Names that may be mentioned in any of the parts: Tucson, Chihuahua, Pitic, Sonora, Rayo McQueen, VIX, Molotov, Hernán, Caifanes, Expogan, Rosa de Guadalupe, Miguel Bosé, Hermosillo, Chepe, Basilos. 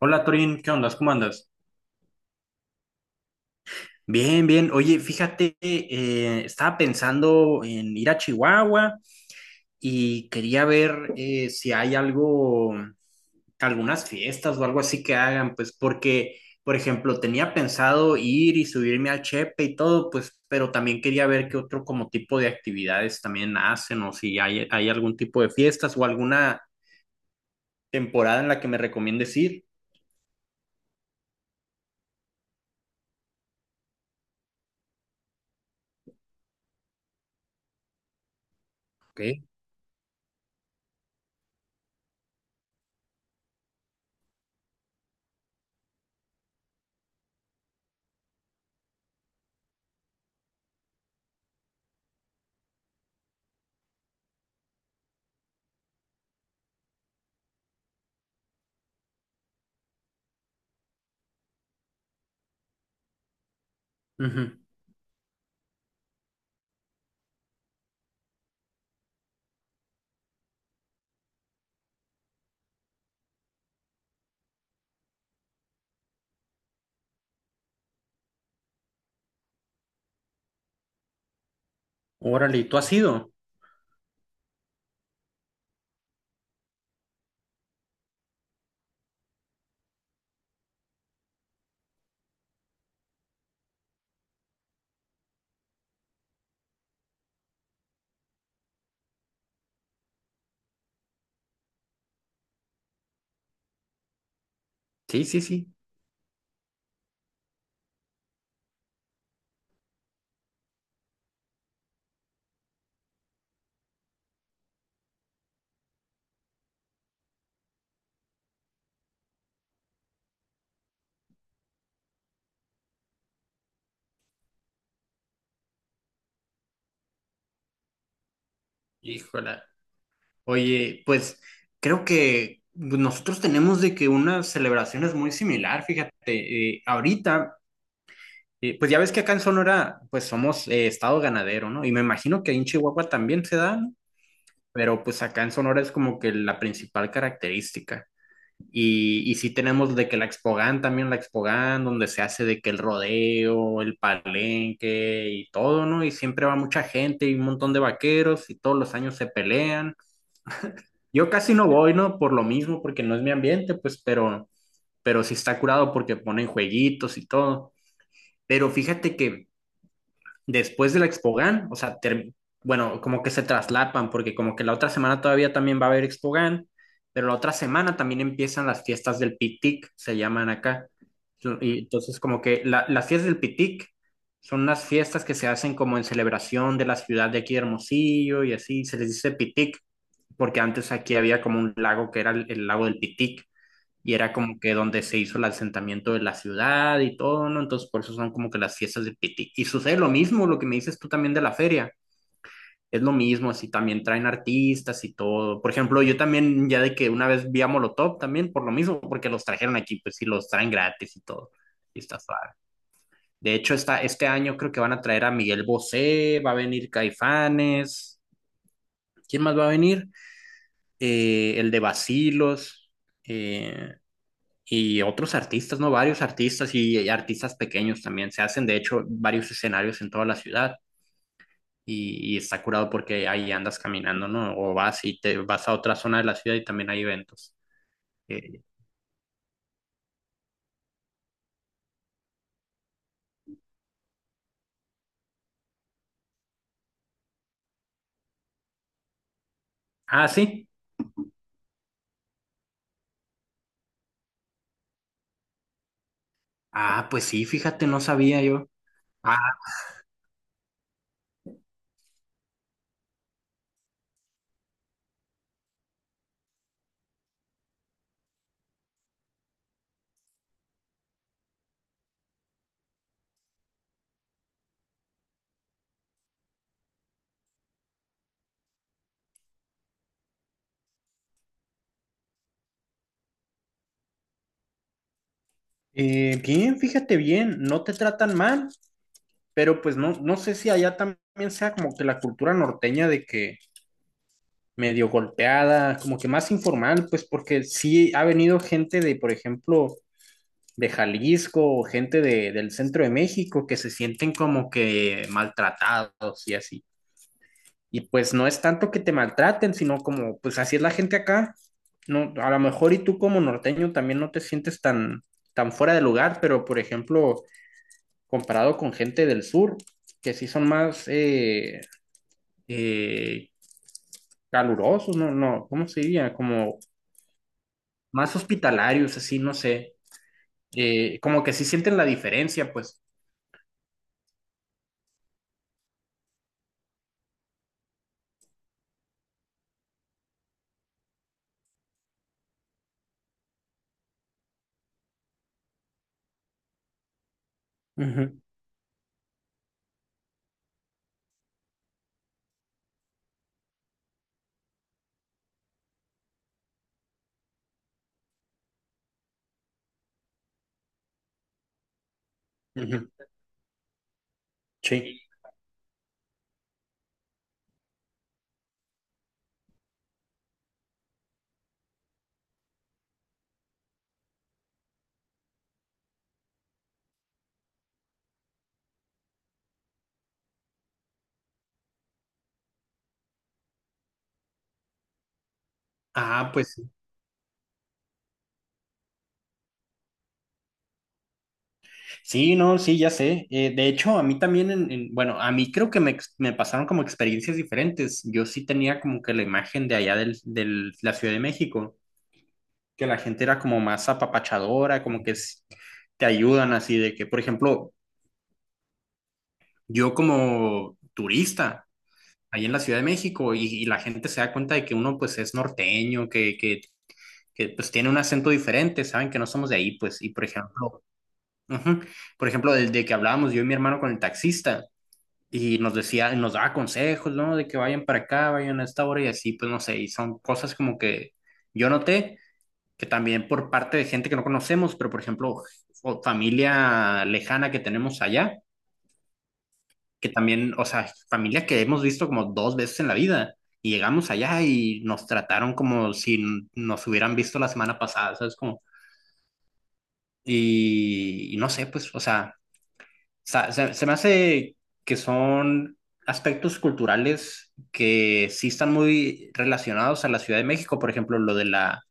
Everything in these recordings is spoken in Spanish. Hola Torín, ¿qué onda? ¿Cómo andas? Bien, bien. Oye, fíjate, estaba pensando en ir a Chihuahua y quería ver si hay algo, algunas fiestas o algo así que hagan, pues porque, por ejemplo, tenía pensado ir y subirme al Chepe y todo, pues, pero también quería ver qué otro como tipo de actividades también hacen o si hay algún tipo de fiestas o alguna temporada en la que me recomiendes ir. Ok. Ujú. Órale, ¿y tú has ido? Sí, sí, sí. Híjole. Oye, pues creo que nosotros tenemos de que una celebración es muy similar, fíjate, ahorita, pues ya ves que acá en Sonora, pues somos estado ganadero, ¿no? Y me imagino que ahí en Chihuahua también se da, ¿no? Pero pues acá en Sonora es como que la principal característica. Y sí tenemos de que la Expogan también, la Expogan, donde se hace de que el rodeo, el palenque y todo, ¿no? Y siempre va mucha gente y un montón de vaqueros y todos los años se pelean. Yo casi no voy, ¿no? Por lo mismo, porque no es mi ambiente, pues, pero sí está curado porque ponen jueguitos y todo. Pero fíjate que después de la Expogan, o sea, bueno, como que se traslapan, porque como que la otra semana todavía también va a haber Expogan, pero la otra semana también empiezan las fiestas del Pitic, se llaman acá. Y entonces como que las fiestas del Pitic son unas fiestas que se hacen como en celebración de la ciudad de aquí de Hermosillo y así, se les dice Pitic porque antes aquí había como un lago que era el lago del Pitic y era como que donde se hizo el asentamiento de la ciudad y todo, ¿no? Entonces por eso son como que las fiestas del Pitic. Y sucede lo mismo, lo que me dices tú también de la feria. Es lo mismo, así también traen artistas y todo. Por ejemplo, yo también ya de que una vez vi a Molotov también por lo mismo, porque los trajeron aquí, pues sí, los traen gratis y todo. Y está suave. De hecho, está, este año creo que van a traer a Miguel Bosé, va a venir Caifanes. ¿Quién más va a venir? El de Basilos, eh, y otros artistas, ¿no? Varios artistas y artistas pequeños también. Se hacen, de hecho, varios escenarios en toda la ciudad y está curado porque ahí andas caminando, ¿no? O vas y te vas a otra zona de la ciudad y también hay eventos. Eh, ah, sí. Ah, pues sí, fíjate, no sabía yo. Ah, Bien, fíjate bien, no te tratan mal, pero pues no, no sé si allá también sea como que la cultura norteña de que medio golpeada, como que más informal, pues porque sí ha venido gente de, por ejemplo, de Jalisco o gente de, del centro de México que se sienten como que maltratados y así. Y pues no es tanto que te maltraten, sino como, pues así es la gente acá. No, a lo mejor y tú como norteño también no te sientes tan, tan fuera de lugar, pero por ejemplo, comparado con gente del sur, que sí son más eh, calurosos, no, no, ¿cómo se diría? Como más hospitalarios, así, no sé. Como que sí sienten la diferencia, pues. Ujú, ujú, sí. Ah, pues sí, sí, no, sí, ya sé. De hecho, a mí también, bueno, a mí creo que me pasaron como experiencias diferentes. Yo sí tenía como que la imagen de allá la Ciudad de México, que la gente era como más apapachadora, como que te ayudan así de que, por ejemplo, yo como turista ahí en la Ciudad de México y la gente se da cuenta de que uno pues es norteño, que pues tiene un acento diferente, saben que no somos de ahí, pues, y por ejemplo, ujú, por ejemplo, del de que hablábamos yo y mi hermano con el taxista, y nos decía, nos daba consejos, ¿no? De que vayan para acá, vayan a esta hora y así, pues no sé, y son cosas como que yo noté que también por parte de gente que no conocemos, pero por ejemplo, o familia lejana que tenemos allá, que también, o sea, familia que hemos visto como dos veces en la vida. Y llegamos allá y nos trataron como si nos hubieran visto la semana pasada, ¿sabes? Como, y no sé, pues, o sea, se me hace que son aspectos culturales que sí están muy relacionados a la Ciudad de México, por ejemplo,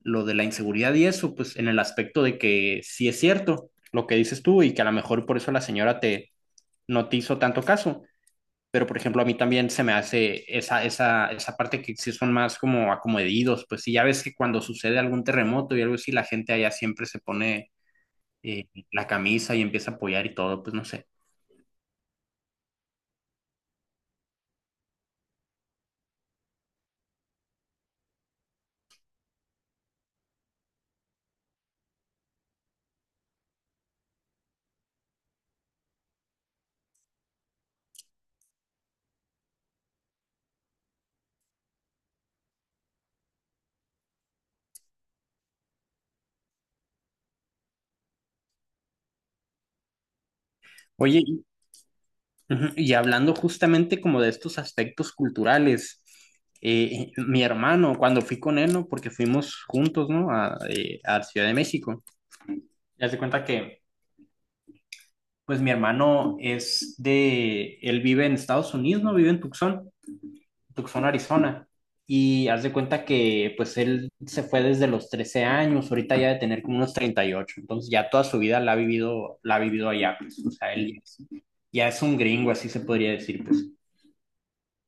lo de la inseguridad y eso, pues en el aspecto de que sí es cierto lo que dices tú y que a lo mejor por eso la señora te, no te hizo tanto caso, pero por ejemplo a mí también se me hace esa parte que sí son más como acomedidos, pues si ya ves que cuando sucede algún terremoto y algo así, la gente allá siempre se pone la camisa y empieza a apoyar y todo, pues no sé. Oye, y, ujú, y hablando justamente como de estos aspectos culturales, mi hermano, cuando fui con él, ¿no? Porque fuimos juntos, ¿no? A Ciudad de México. Ya se cuenta que, pues mi hermano es de, él vive en Estados Unidos, ¿no? Vive en Tucson. Tucson, Arizona. Y haz de cuenta que pues él se fue desde los 13 años, ahorita ya de tener como unos 38 entonces ya toda su vida la ha vivido allá, pues, o sea, él ya es un gringo, así se podría decir, pues.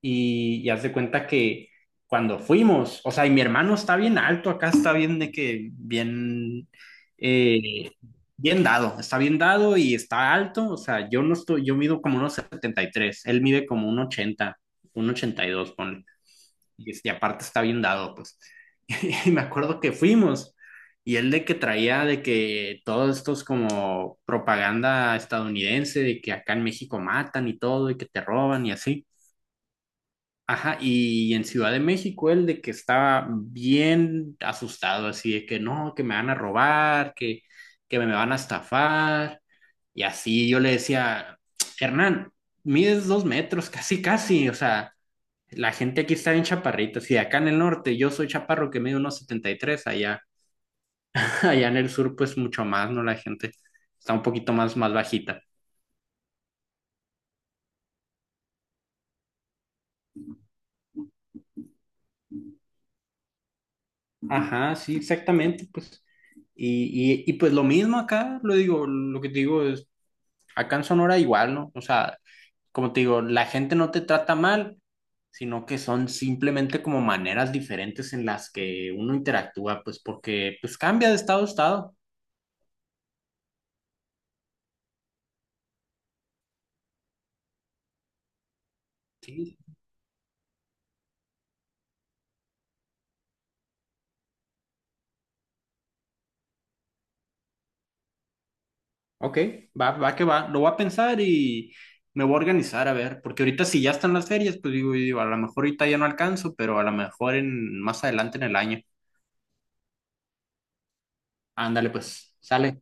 Y haz de cuenta que cuando fuimos, o sea, y mi hermano está bien alto, acá está bien de que, bien, eh, bien dado, está bien dado y está alto, o sea, yo no estoy, yo mido como unos 73 él mide como un 80 un 82 ponle. Y, este, aparte está bien dado, pues. Y me acuerdo que fuimos y él de que traía de que todos estos como propaganda estadounidense de que acá en México matan y todo y que te roban y así. Ajá, y en Ciudad de México él de que estaba bien asustado, así de que no, que me van a robar, que me van a estafar. Y así yo le decía, Hernán, mides 2 metros, casi, casi, o sea, la gente aquí está bien chaparrita. Si acá en el norte yo soy chaparro que mide unos 73, allá, allá en el sur pues mucho más, ¿no? La gente está un poquito más, más bajita. Ajá, sí, exactamente, pues. Y pues lo mismo acá, lo digo, lo que te digo es, acá en Sonora igual, ¿no? O sea, como te digo, la gente no te trata mal, sino que son simplemente como maneras diferentes en las que uno interactúa, pues porque pues cambia de estado a estado. Sí, ok, va, va que va. Lo voy a pensar y me voy a organizar a ver, porque ahorita si ya están las ferias, pues digo, digo, a lo mejor ahorita ya no alcanzo, pero a lo mejor en más adelante en el año. Ándale, pues, sale.